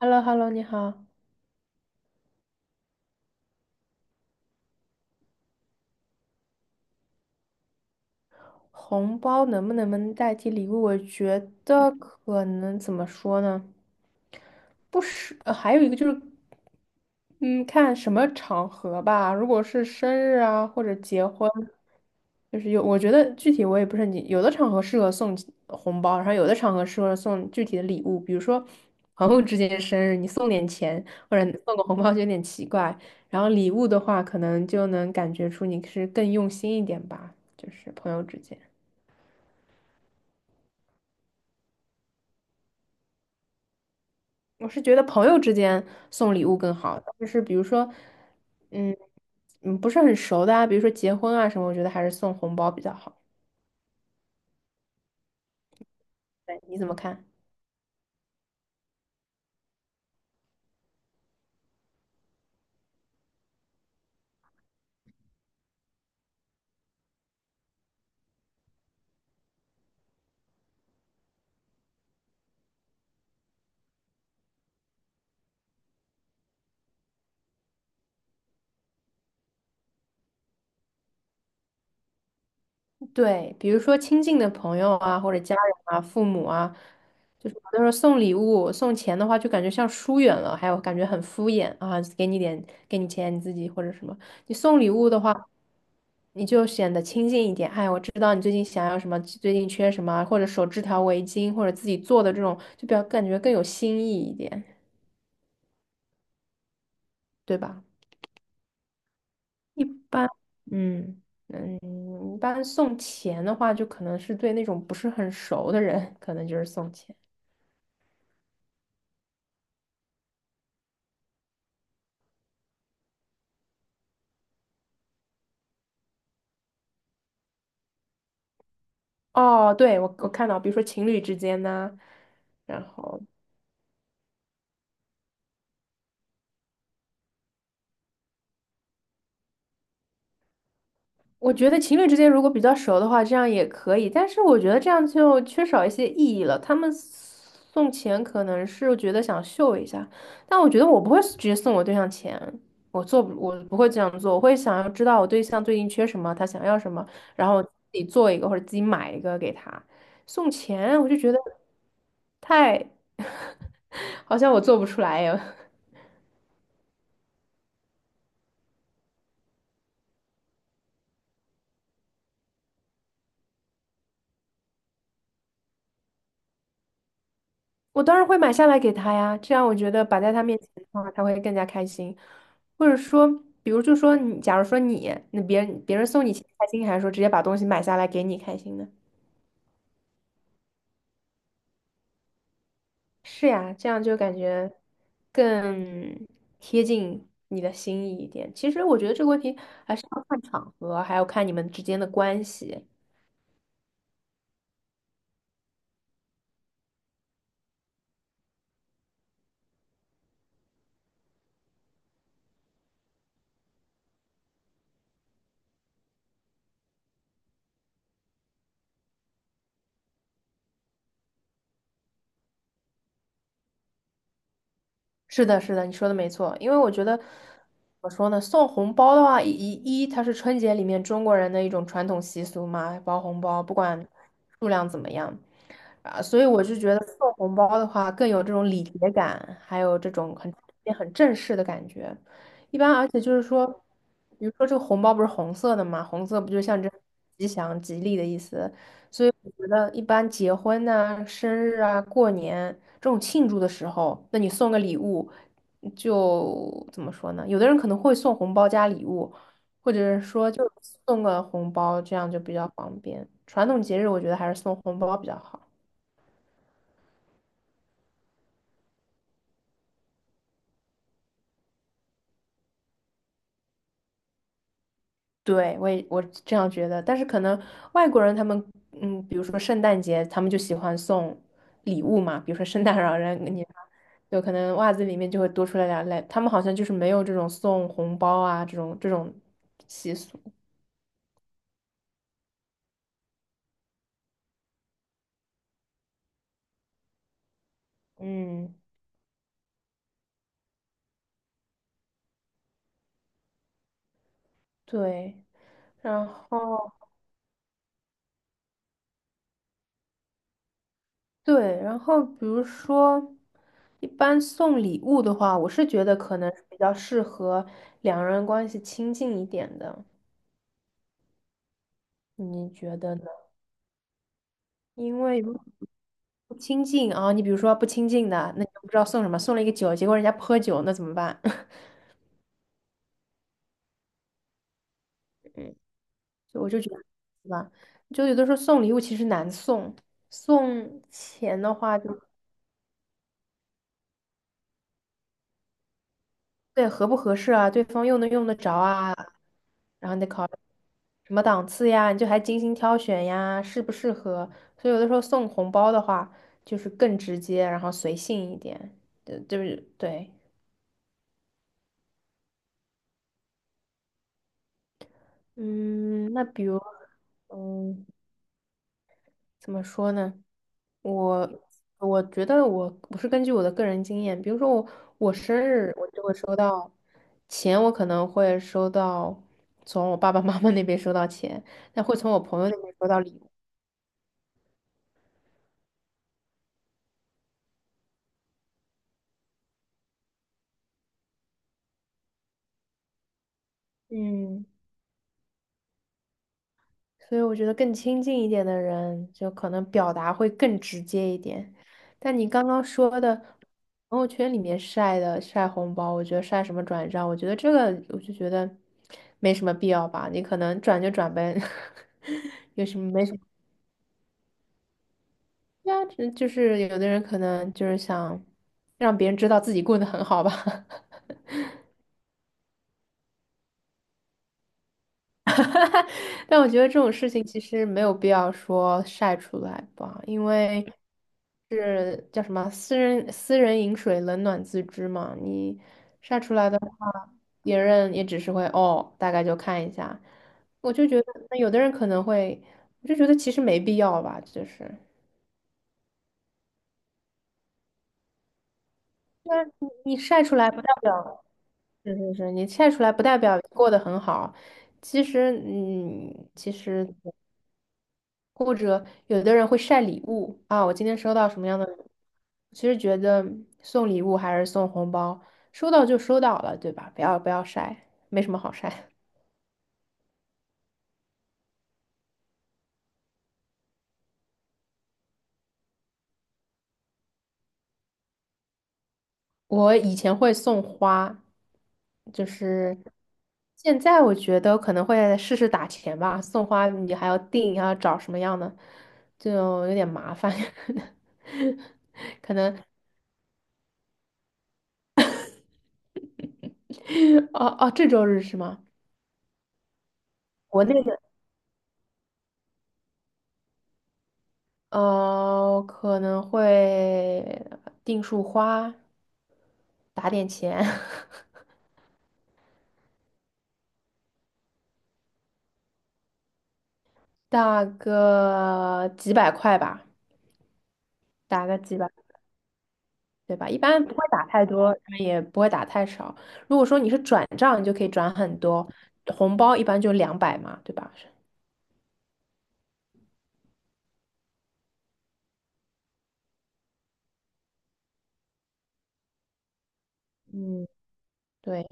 h e l l o hello 你好。红包能不能代替礼物？我觉得可能怎么说呢？不是，还有一个就是，嗯，看什么场合吧。如果是生日啊，或者结婚，就是有，我觉得具体我也不是很清，有的场合适合送红包，然后有的场合适合送具体的礼物，比如说朋友之间的生日，你送点钱或者送个红包就有点奇怪。然后礼物的话，可能就能感觉出你是更用心一点吧，就是朋友之间。我是觉得朋友之间送礼物更好，就是比如说，嗯不是很熟的啊，比如说结婚啊什么，我觉得还是送红包比较好。对，你怎么看？对，比如说亲近的朋友啊，或者家人啊、父母啊，就是有的时候送礼物、送钱的话，就感觉像疏远了，还有感觉很敷衍啊，给你点，给你钱，你自己或者什么。你送礼物的话，你就显得亲近一点。哎，我知道你最近想要什么，最近缺什么，或者手织条围巾，或者自己做的这种，就比较感觉更有新意一点，对吧？一般，嗯一般送钱的话，就可能是对那种不是很熟的人，可能就是送钱。哦，对，我看到，比如说情侣之间呐、然后我觉得情侣之间如果比较熟的话，这样也可以，但是我觉得这样就缺少一些意义了。他们送钱可能是觉得想秀一下，但我觉得我不会直接送我对象钱，我不会这样做，我会想要知道我对象最近缺什么，他想要什么，然后自己做一个或者自己买一个给他。送钱，我就觉得太，好像我做不出来呀。我当然会买下来给他呀，这样我觉得摆在他面前的话，他会更加开心。或者说，比如就说你，假如说你，那别人别人送你钱开心，还是说直接把东西买下来给你开心呢？是呀，这样就感觉更贴近你的心意一点。其实我觉得这个问题还是要看场合，还要看你们之间的关系。是的，是的，你说的没错。因为我觉得，怎么说呢，送红包的话，它是春节里面中国人的一种传统习俗嘛，包红包，不管数量怎么样。啊，所以我就觉得送红包的话更有这种礼节感，还有这种很正式的感觉。一般，而且就是说，比如说这个红包不是红色的嘛，红色不就象征吉祥、吉利的意思？所以我觉得一般结婚呐、生日啊、过年这种庆祝的时候，那你送个礼物，就怎么说呢？有的人可能会送红包加礼物，或者是说就送个红包，这样就比较方便。传统节日我觉得还是送红包比较好。对，我也我这样觉得，但是可能外国人他们，嗯，比如说圣诞节，他们就喜欢送礼物嘛，比如说圣诞老人给你，有可能袜子里面就会多出来两类，他们好像就是没有这种送红包啊这种习俗，嗯，对，然后对，然后比如说一般送礼物的话，我是觉得可能是比较适合两人关系亲近一点的，你觉得呢？因为不亲近啊、你比如说不亲近的，那你就不知道送什么，送了一个酒，结果人家不喝酒，那怎么办？嗯，就我就觉得，对吧？就有的时候送礼物其实难送，送钱的话就对合不合适啊，对方用能用得着啊，然后你得考虑什么档次呀，你就还精心挑选呀，适不适合？所以有的时候送红包的话，就是更直接，然后随性一点，对，就是对，嗯，那比如。嗯，怎么说呢？我我觉得我是根据我的个人经验，比如说我我生日我就会收到钱，我可能会收到从我爸爸妈妈那边收到钱，但会从我朋友那边收到礼物。嗯。所以我觉得更亲近一点的人，就可能表达会更直接一点。但你刚刚说的朋友圈里面晒红包，我觉得晒什么转账，我觉得这个我就觉得没什么必要吧。你可能转就转呗，有什么没什么？对啊，只就是有的人可能就是想让别人知道自己过得很好吧。但我觉得这种事情其实没有必要说晒出来吧，因为是叫什么“私人饮水，冷暖自知”嘛。你晒出来的话，别人也只是会哦，大概就看一下。我就觉得，那有的人可能会，我就觉得其实没必要吧，就是，那你你晒出来不代表，是是是，你晒出来不代表过得很好。其实，嗯，其实。或者有的人会晒礼物啊，我今天收到什么样的礼物其实觉得送礼物还是送红包，收到就收到了，对吧？不要不要晒，没什么好晒。我以前会送花，就是现在我觉得可能会试试打钱吧。送花你还要定，还要找什么样的，就有点麻烦。可能，哦哦，这周日是吗？国内的。呃，可能会订束花，打点钱，打个几百块吧，打个几百，对吧？一般不会打太多，也不会打太少。如果说你是转账，你就可以转很多，红包一般就200嘛，对吧？嗯，对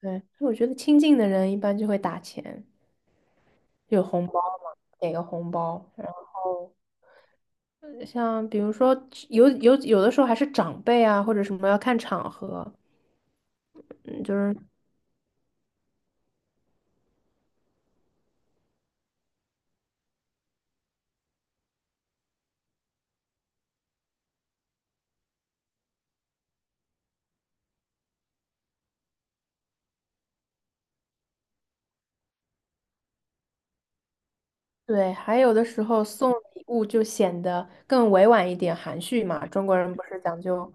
对，所以我觉得亲近的人一般就会打钱，有红包嘛，给个红包，然后。像比如说有有有的时候还是长辈啊，或者什么要看场合，嗯，就是。对，还有的时候送礼物就显得更委婉一点、含蓄嘛。中国人不是讲究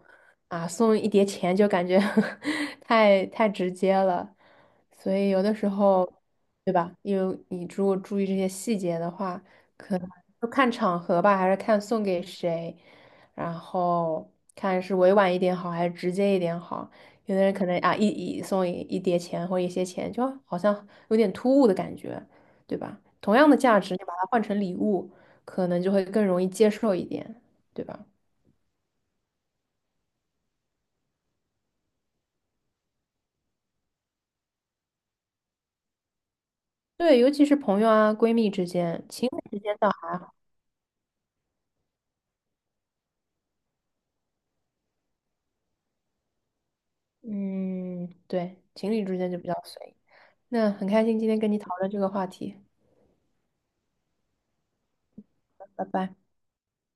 啊，送一叠钱就感觉 太直接了，所以有的时候，对吧？有你如果注意这些细节的话，可能就看场合吧，还是看送给谁，然后看是委婉一点好，还是直接一点好。有的人可能啊，送一叠钱或一些钱，就好像有点突兀的感觉。对吧？同样的价值，你把它换成礼物，可能就会更容易接受一点，对吧？对，尤其是朋友啊、闺蜜之间，情侣之间倒还好。嗯，对，情侣之间就比较随意。那很开心今天跟你讨论这个话题，拜拜。